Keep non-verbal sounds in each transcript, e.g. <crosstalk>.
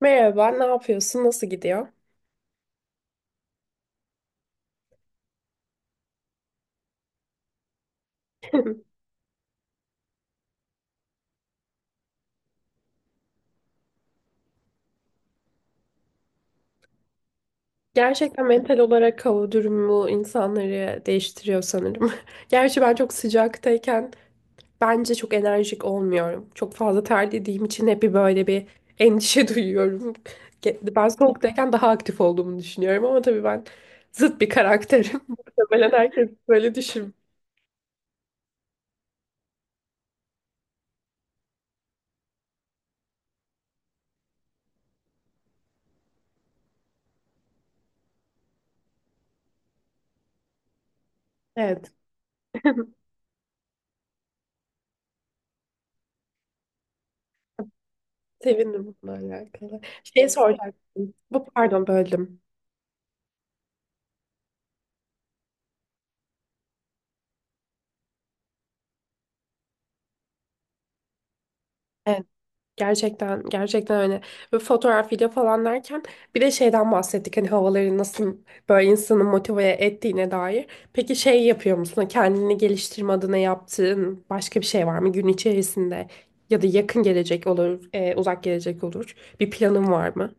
Merhaba, ne yapıyorsun? Nasıl gidiyor? <laughs> Gerçekten mental olarak hava durumu insanları değiştiriyor sanırım. <laughs> Gerçi ben çok sıcaktayken bence çok enerjik olmuyorum. Çok fazla terlediğim için hep böyle bir endişe <laughs> duyuyorum. Ben soğuktayken daha aktif olduğumu düşünüyorum ama tabii ben zıt bir karakterim. <laughs> Muhtemelen herkes böyle düşün. Evet, sevindim bununla alakalı. Şey soracaktım. Bu pardon böldüm. Gerçekten öyle. Ve fotoğraf, video falan derken bir de şeyden bahsettik hani havaları nasıl böyle insanı motive ettiğine dair. Peki şey yapıyor musun? Hani kendini geliştirme adına yaptığın başka bir şey var mı gün içerisinde? Ya da yakın gelecek olur, uzak gelecek olur. Bir planın var mı?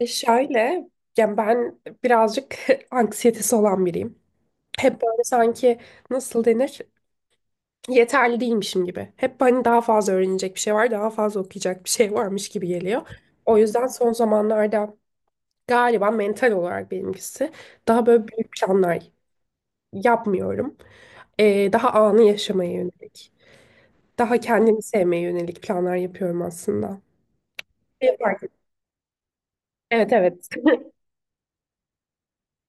E şöyle, yani ben birazcık <laughs> anksiyetesi olan biriyim. Hep böyle sanki nasıl denir? Yeterli değilmişim gibi. Hep hani daha fazla öğrenecek bir şey var, daha fazla okuyacak bir şey varmış gibi geliyor. O yüzden son zamanlarda galiba mental olarak benimkisi daha böyle büyük planlar yapmıyorum. Daha anı yaşamaya yönelik, daha kendimi sevmeye yönelik planlar yapıyorum aslında. Şey fark ettim. Evet. <laughs>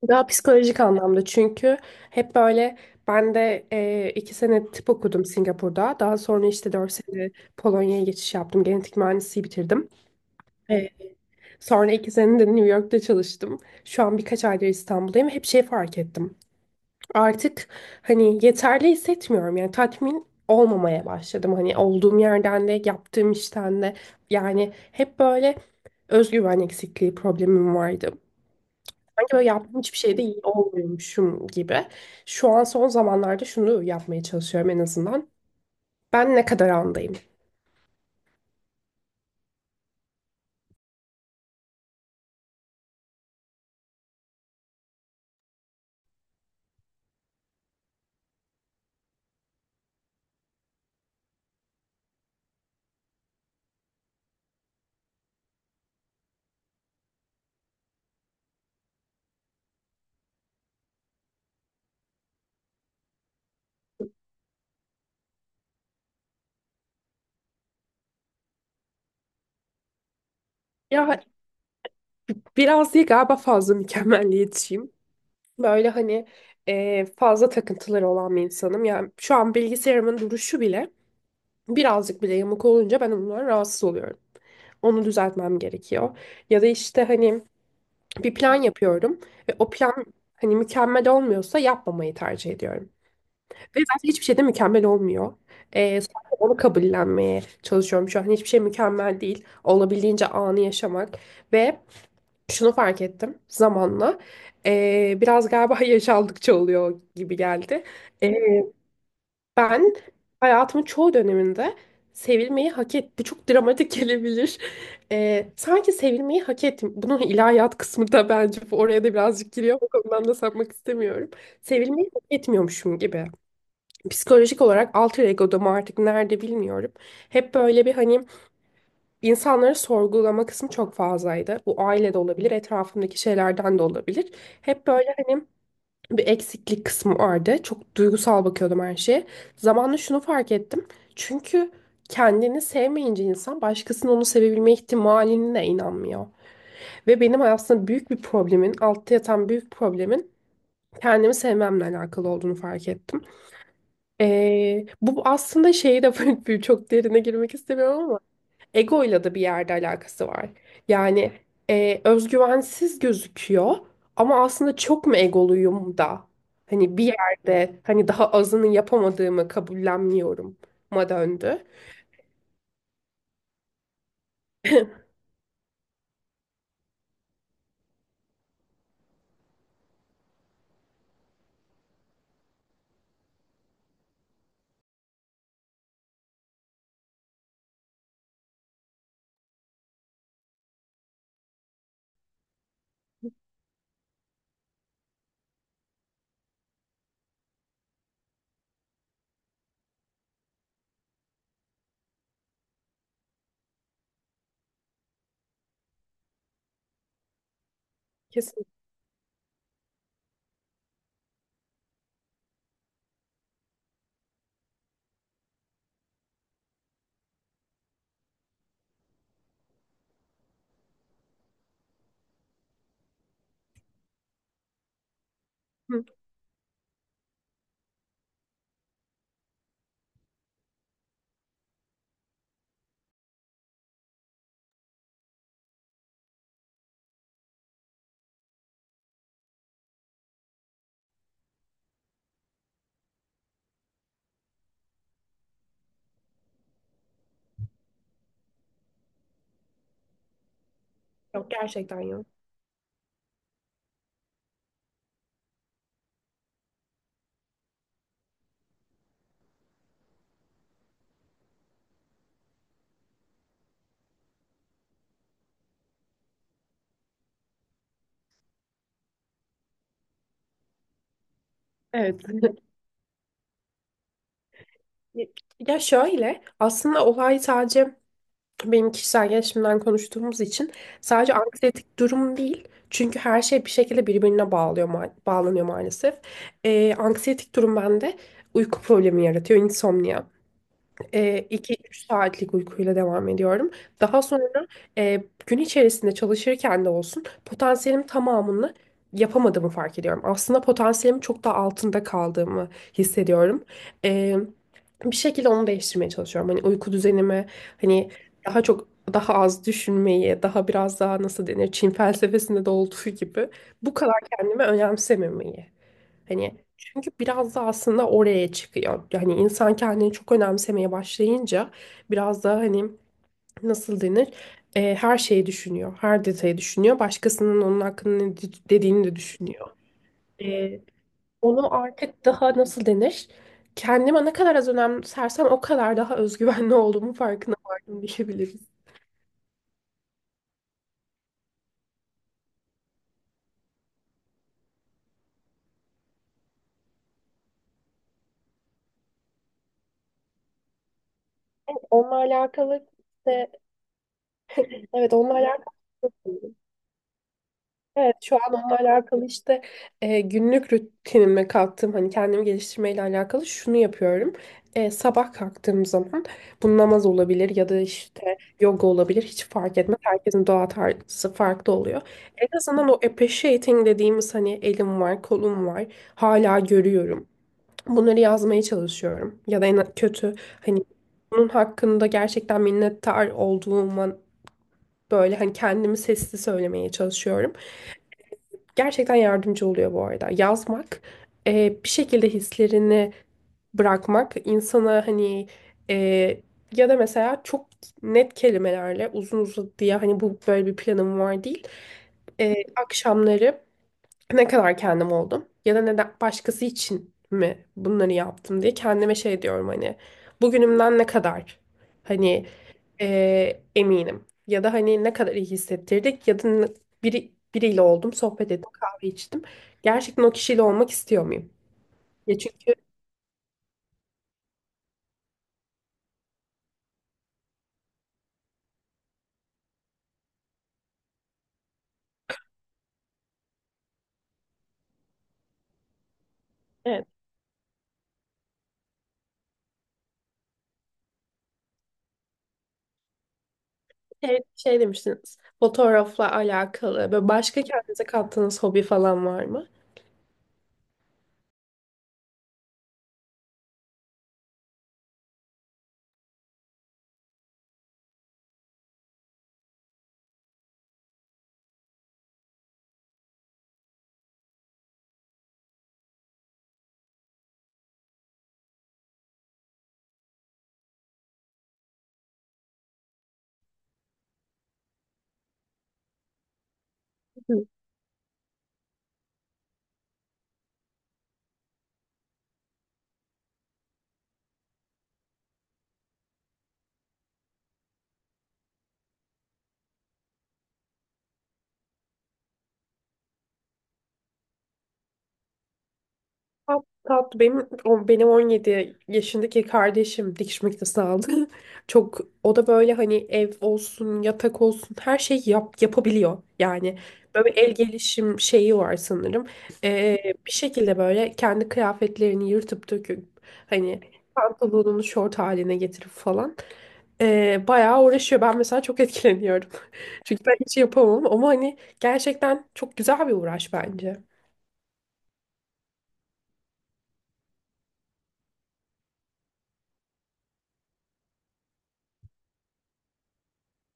Daha psikolojik anlamda çünkü hep böyle ben de iki sene tıp okudum Singapur'da. Daha sonra işte dört sene Polonya'ya geçiş yaptım. Genetik mühendisliği bitirdim. E, Sonra iki sene de New York'ta çalıştım. Şu an birkaç aydır İstanbul'dayım. Hep şey fark ettim. Artık hani yeterli hissetmiyorum. Yani tatmin olmamaya başladım. Hani olduğum yerden de yaptığım işten de. Yani hep böyle özgüven eksikliği problemim vardı. Sanki böyle yaptığım hiçbir şeyde iyi olmuyormuşum gibi. Şu an son zamanlarda şunu yapmaya çalışıyorum en azından. Ben ne kadar andayım? Ya biraz değil galiba fazla mükemmelliyetçiyim. Böyle hani fazla takıntıları olan bir insanım. Yani şu an bilgisayarımın duruşu bile birazcık bile yamuk olunca ben ondan rahatsız oluyorum. Onu düzeltmem gerekiyor. Ya da işte hani bir plan yapıyorum ve o plan hani mükemmel olmuyorsa yapmamayı tercih ediyorum. Ve zaten hiçbir şey de mükemmel olmuyor. Sadece onu kabullenmeye çalışıyorum şu an. Hiçbir şey mükemmel değil. Olabildiğince anı yaşamak. Ve şunu fark ettim zamanla. Biraz galiba <laughs> yaş aldıkça oluyor gibi geldi. Ee, Ben hayatımın çoğu döneminde sevilmeyi hak et. Bu çok dramatik <laughs> gelebilir. Sanki sevilmeyi hak ettim. Bunun ilahiyat kısmı da bence bu oraya da birazcık giriyor. O konudan da sapmak istemiyorum. Sevilmeyi hak etmiyormuşum gibi. Psikolojik olarak alter ego'da mı artık nerede bilmiyorum. Hep böyle bir hani insanları sorgulama kısmı çok fazlaydı. Bu ailede olabilir, etrafımdaki şeylerden de olabilir. Hep böyle hani bir eksiklik kısmı vardı. Çok duygusal bakıyordum her şeye. Zamanla şunu fark ettim. Çünkü kendini sevmeyince insan başkasının onu sevebilme ihtimaline de inanmıyor. Ve benim aslında büyük bir problemin, altta yatan büyük problemin kendimi sevmemle alakalı olduğunu fark ettim. Bu aslında şeyi de <laughs> böyle çok derine girmek istemiyorum ama egoyla da bir yerde alakası var. Yani özgüvensiz gözüküyor ama aslında çok mu egoluyum da hani bir yerde hani daha azını yapamadığımı kabullenmiyorum ma döndü. Kesin. Hı, yok gerçekten yok. Evet. <laughs> Ya şöyle aslında olay sadece benim kişisel gelişimden konuştuğumuz için sadece anksiyetik durum değil. Çünkü her şey bir şekilde birbirine bağlıyor, bağlanıyor maalesef. Anksiyetik durum bende uyku problemi yaratıyor, insomnia e, üç 3 saatlik uykuyla devam ediyorum. Daha sonra gün içerisinde çalışırken de olsun potansiyelim tamamını yapamadığımı fark ediyorum. Aslında potansiyelimin çok da altında kaldığımı hissediyorum. E, Bir şekilde onu değiştirmeye çalışıyorum. Hani uyku düzenimi hani daha az düşünmeyi, daha biraz daha nasıl denir Çin felsefesinde de olduğu gibi bu kadar kendimi önemsememeyi. Hani çünkü biraz da aslında oraya çıkıyor. Yani insan kendini çok önemsemeye başlayınca biraz da hani nasıl denir? Her şeyi düşünüyor. Her detayı düşünüyor. Başkasının onun hakkında dediğini de düşünüyor. E, Onu artık daha nasıl denir? Kendime ne kadar az önemsersem o kadar daha <laughs> özgüvenli olduğumu farkına vardım diyebiliriz. Onunla alakalı işte evet onunla alakalı Evet şu an Onunla alakalı işte günlük rutinime kattığım hani kendimi geliştirmeyle alakalı şunu yapıyorum. Sabah kalktığım zaman bu namaz olabilir ya da işte yoga olabilir hiç fark etmez. Herkesin doğa tarzı farklı oluyor. En azından o appreciating dediğimiz hani elim var kolum var hala görüyorum. Bunları yazmaya çalışıyorum. Ya da en kötü hani bunun hakkında gerçekten minnettar olduğuma böyle hani kendimi sesli söylemeye çalışıyorum. Gerçekten yardımcı oluyor bu arada. Yazmak, bir şekilde hislerini bırakmak insana e, ya da mesela çok net kelimelerle uzun uzadıya hani bu böyle bir planım var değil. Akşamları ne kadar kendim oldum ya da neden başkası için mi bunları yaptım diye kendime şey diyorum hani bugünümden ne kadar hani eminim ya da hani ne kadar iyi hissettirdik ya da biriyle oldum sohbet ettim kahve içtim gerçekten o kişiyle olmak istiyor muyum? Ya çünkü evet, şey demiştiniz fotoğrafla alakalı ve başka kendinize kattığınız hobi falan var mı? Tat, tat. Benim 17 yaşındaki kardeşim dikiş makinesi aldı. <laughs> Çok o da böyle hani ev olsun, yatak olsun her şeyi yapabiliyor. Yani böyle el gelişim şeyi var sanırım. Ee, Bir şekilde böyle kendi kıyafetlerini yırtıp döküp hani pantolonunu şort haline getirip falan. Bayağı uğraşıyor. Ben mesela çok etkileniyorum. <laughs> Çünkü ben hiç yapamam ama hani gerçekten çok güzel bir uğraş bence.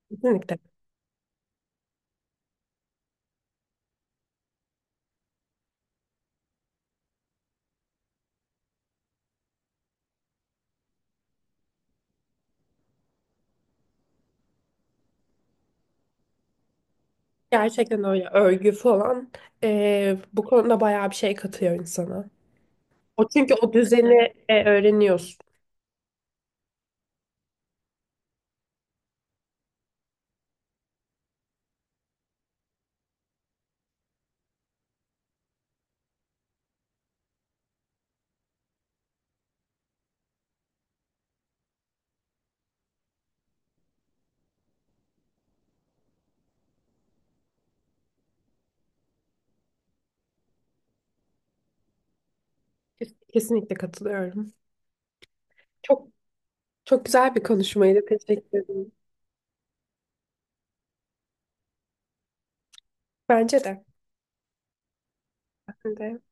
Kesinlikle. Gerçekten öyle örgü falan bu konuda bayağı bir şey katıyor insana. O çünkü o düzeni öğreniyorsun. Kesinlikle katılıyorum. Çok çok güzel bir konuşmaydı. Teşekkür ederim. Bence de. Ben de.